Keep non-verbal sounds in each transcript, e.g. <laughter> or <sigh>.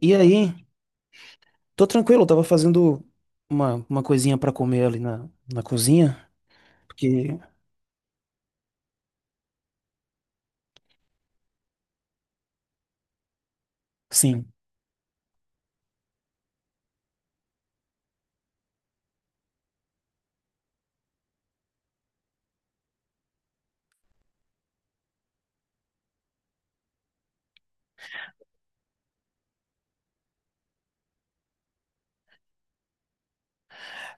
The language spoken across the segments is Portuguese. E aí, tô tranquilo, eu tava fazendo uma coisinha pra comer ali na cozinha, porque, sim.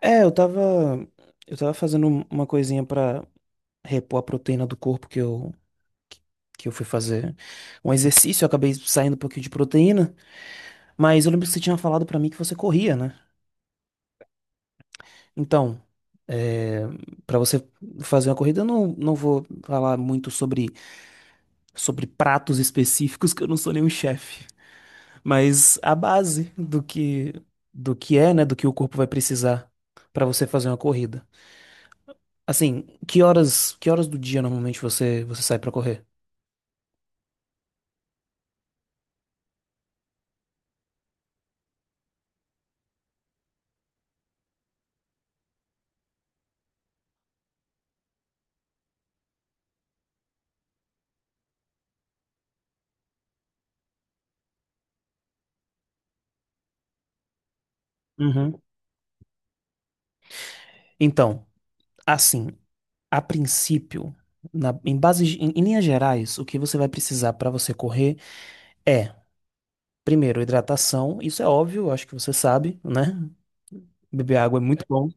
É, eu tava, eu tava fazendo uma coisinha pra repor a proteína do corpo que eu fui fazer um exercício, eu acabei saindo um pouquinho de proteína, mas eu lembro que você tinha falado pra mim que você corria, né? Então, é, para você fazer uma corrida, eu não vou falar muito sobre pratos específicos, que eu não sou nenhum chefe. Mas a base do que é, né, do que o corpo vai precisar pra você fazer uma corrida. Assim, que horas do dia normalmente você sai pra correr? Uhum. Então, assim, a princípio, em bases, em linhas gerais, o que você vai precisar para você correr é, primeiro, hidratação. Isso é óbvio, eu acho que você sabe, né? Beber água é muito bom.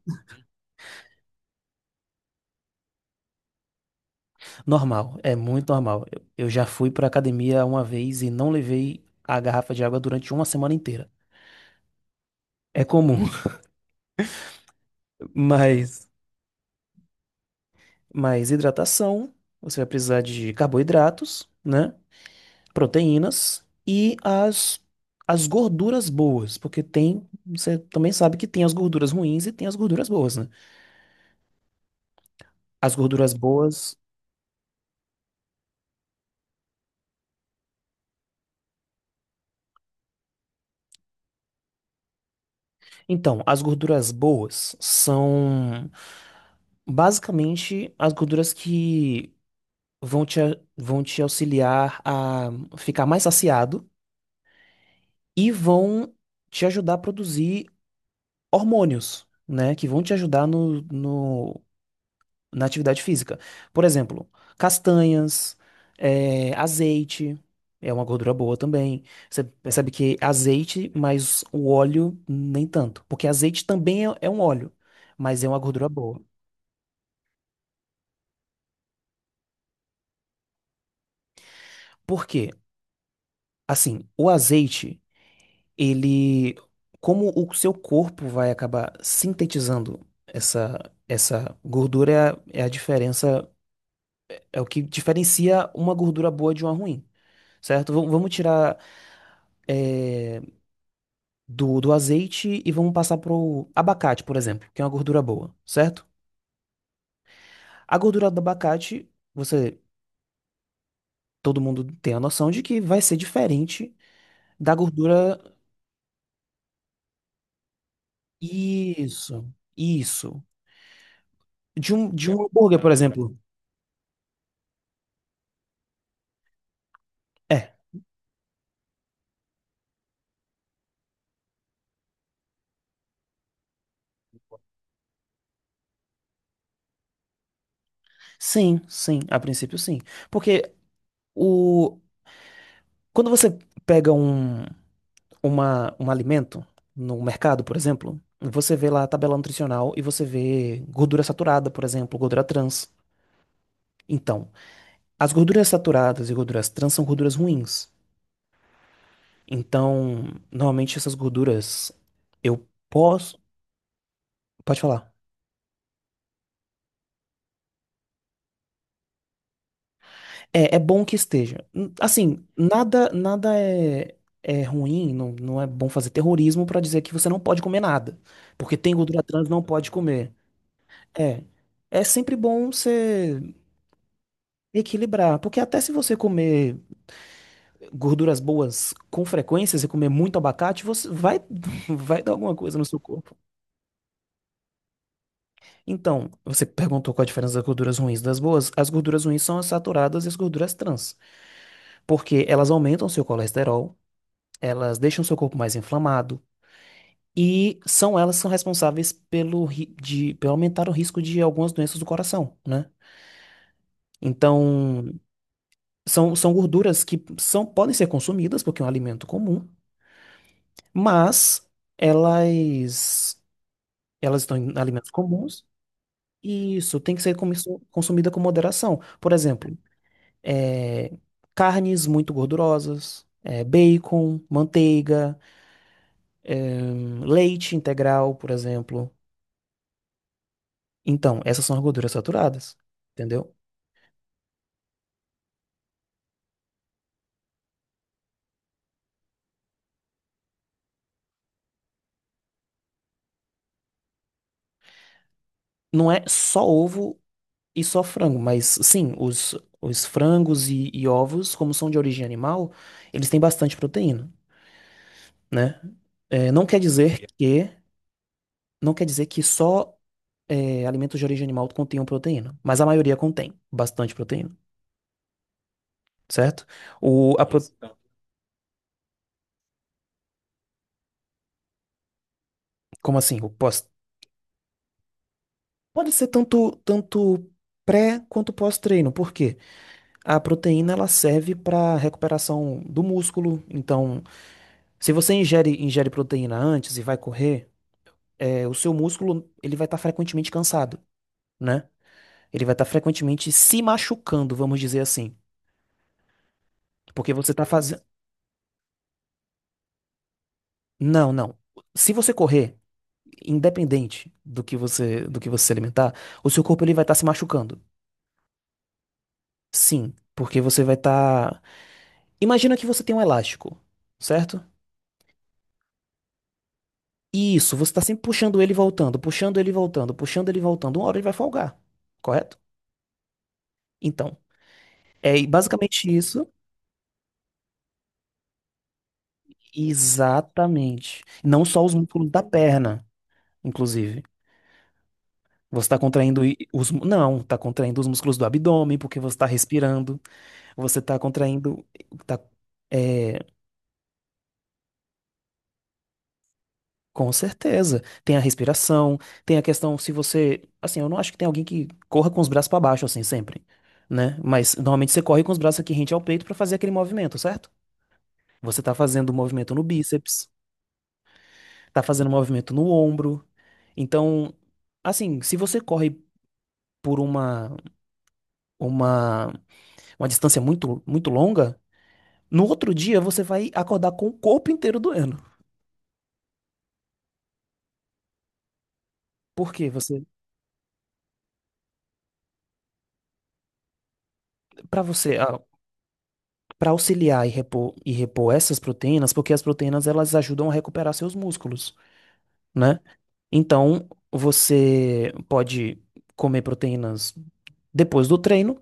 Normal, é muito normal. Eu já fui para academia uma vez e não levei a garrafa de água durante uma semana inteira. É comum, <laughs> mas, mas hidratação, você vai precisar de carboidratos, né? Proteínas e as gorduras boas, porque tem, você também sabe que tem as gorduras ruins e tem as gorduras boas, né? As gorduras boas, então, as gorduras boas são basicamente as gorduras que vão vão te auxiliar a ficar mais saciado e vão te ajudar a produzir hormônios, né, que vão te ajudar na atividade física. Por exemplo, castanhas, azeite, é uma gordura boa também. Você percebe que azeite, mas o óleo nem tanto, porque azeite também é um óleo, mas é uma gordura boa. Por quê? Assim, o azeite, ele, como o seu corpo vai acabar sintetizando essa gordura é a diferença. É o que diferencia uma gordura boa de uma ruim, certo? Vamos tirar eh, do azeite e vamos passar pro abacate, por exemplo, que é uma gordura boa, certo? A gordura do abacate, você, todo mundo tem a noção de que vai ser diferente da gordura. Isso, isso. De um hambúrguer, por exemplo. É, sim, sim, a princípio sim. Porque o, quando você pega um. Uma, um alimento no mercado, por exemplo, você vê lá a tabela nutricional e você vê gordura saturada, por exemplo, gordura trans. Então, as gorduras saturadas e gorduras trans são gorduras ruins. Então, normalmente essas gorduras eu posso. Pode falar. É, é bom que esteja. Assim, nada é, é ruim, não é bom fazer terrorismo pra dizer que você não pode comer nada. Porque tem gordura trans, não pode comer. É. É sempre bom você equilibrar, porque até se você comer gorduras boas com frequência, se comer muito abacate, você vai, <laughs> vai dar alguma coisa no seu corpo. Então, você perguntou qual a diferença das gorduras ruins das boas. As gorduras ruins são as saturadas e as gorduras trans, porque elas aumentam seu colesterol, elas deixam seu corpo mais inflamado e são elas que são responsáveis pelo, pelo aumentar o risco de algumas doenças do coração, né? Então, são gorduras que são, podem ser consumidas, porque é um alimento comum, mas elas elas estão em alimentos comuns e isso tem que ser consumida com moderação. Por exemplo, é, carnes muito gordurosas, é, bacon, manteiga, leite integral, por exemplo. Então, essas são as gorduras saturadas, entendeu? Não é só ovo e só frango, mas sim, os frangos e ovos, como são de origem animal, eles têm bastante proteína, né? É, não quer dizer que Não quer dizer que só é, alimentos de origem animal contenham proteína, mas a maioria contém bastante proteína, certo? O, a pro- Como assim? O pós... Pode ser tanto pré quanto pós-treino, por quê? A proteína ela serve para recuperação do músculo, então se você ingere proteína antes e vai correr, é, o seu músculo ele vai estar frequentemente cansado, né? Ele vai estar frequentemente se machucando, vamos dizer assim, porque você está fazendo... Não, não. Se você correr, independente do que você se alimentar, o seu corpo ele vai estar se machucando. Sim, porque você vai estar. Imagina que você tem um elástico, certo? Isso, você está sempre puxando ele e voltando, puxando ele e voltando, puxando ele e voltando. Uma hora ele vai folgar, correto? Então, é basicamente isso. Exatamente. Não só os músculos da perna, inclusive. Você está contraindo i- os. Mu- Não, está contraindo os músculos do abdômen, porque você está respirando. Você está contraindo. Tá, é, com certeza. Tem a respiração, tem a questão se você. Assim, eu não acho que tem alguém que corra com os braços para baixo, assim, sempre, né? Mas normalmente você corre com os braços aqui rente ao peito para fazer aquele movimento, certo? Você tá fazendo o movimento no bíceps, tá fazendo o movimento no ombro. Então, assim, se você corre por uma, uma distância muito, muito longa, no outro dia você vai acordar com o corpo inteiro doendo. Por quê? Você, para você, a- para auxiliar e repor essas proteínas, porque as proteínas elas ajudam a recuperar seus músculos, né? Então, você pode comer proteínas depois do treino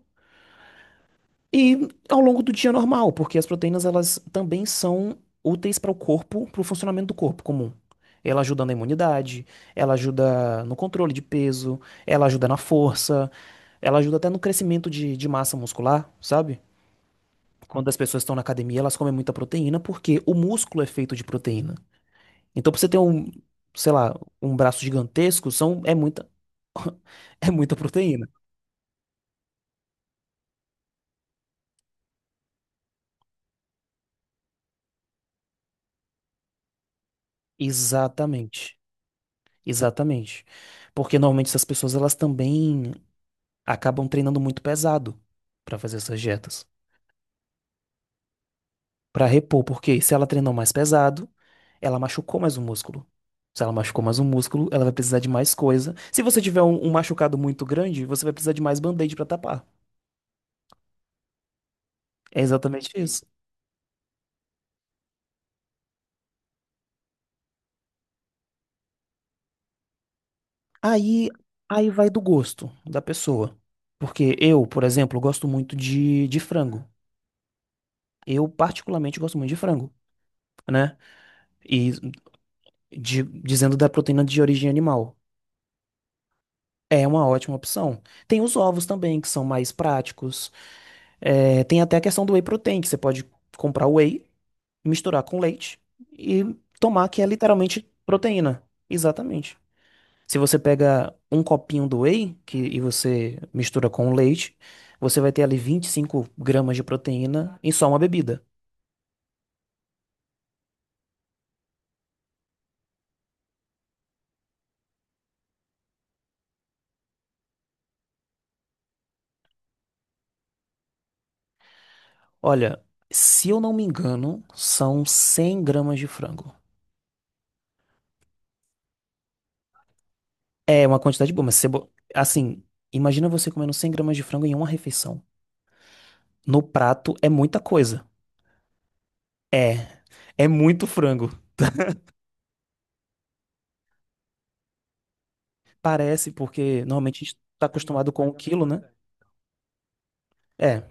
e ao longo do dia normal, porque as proteínas elas também são úteis para o corpo, para o funcionamento do corpo comum. Ela ajuda na imunidade, ela ajuda no controle de peso, ela ajuda na força, ela ajuda até no crescimento de massa muscular, sabe? Quando as pessoas estão na academia, elas comem muita proteína porque o músculo é feito de proteína. Então, pra você ter um, sei lá, um braço gigantesco, é muita, <laughs> é muita proteína. Exatamente. Exatamente. Porque normalmente essas pessoas, elas também acabam treinando muito pesado pra fazer essas dietas. Pra repor, porque se ela treinou mais pesado, ela machucou mais o músculo. Se ela machucou mais o músculo, ela vai precisar de mais coisa. Se você tiver um, um machucado muito grande, você vai precisar de mais band-aid pra tapar. É exatamente isso. Aí, aí vai do gosto da pessoa. Porque eu, por exemplo, gosto muito de frango. Eu, particularmente, gosto muito de frango, né? E dizendo da proteína de origem animal. É uma ótima opção. Tem os ovos também, que são mais práticos. É, tem até a questão do whey protein, que você pode comprar whey, misturar com leite e tomar, que é literalmente proteína. Exatamente. Se você pega um copinho e você mistura com o leite, você vai ter ali 25 gramas de proteína em só uma bebida. Olha, se eu não me engano, são 100 gramas de frango. É uma quantidade boa, mas você, assim, imagina você comendo 100 gramas de frango em uma refeição. No prato é muita coisa. É muito frango. Parece, porque normalmente a gente tá acostumado com um quilo, né? É.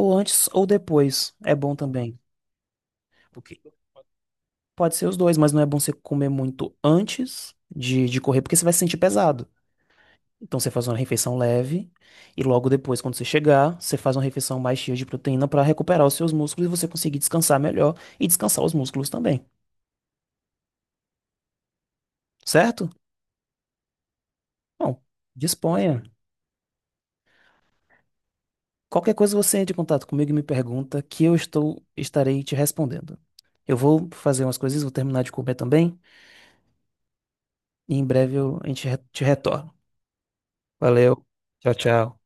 Ou antes ou depois. É bom também. Porque pode ser os dois, mas não é bom você comer muito antes de correr, porque você vai se sentir pesado. Então você faz uma refeição leve e logo depois, quando você chegar, você faz uma refeição mais cheia de proteína para recuperar os seus músculos e você conseguir descansar melhor e descansar os músculos também, certo? Bom, disponha. Qualquer coisa você entra em contato comigo e me pergunta que eu estou estarei te respondendo. Eu vou fazer umas coisas, vou terminar de comer também e em breve a gente te retorna. Valeu. Tchau, tchau.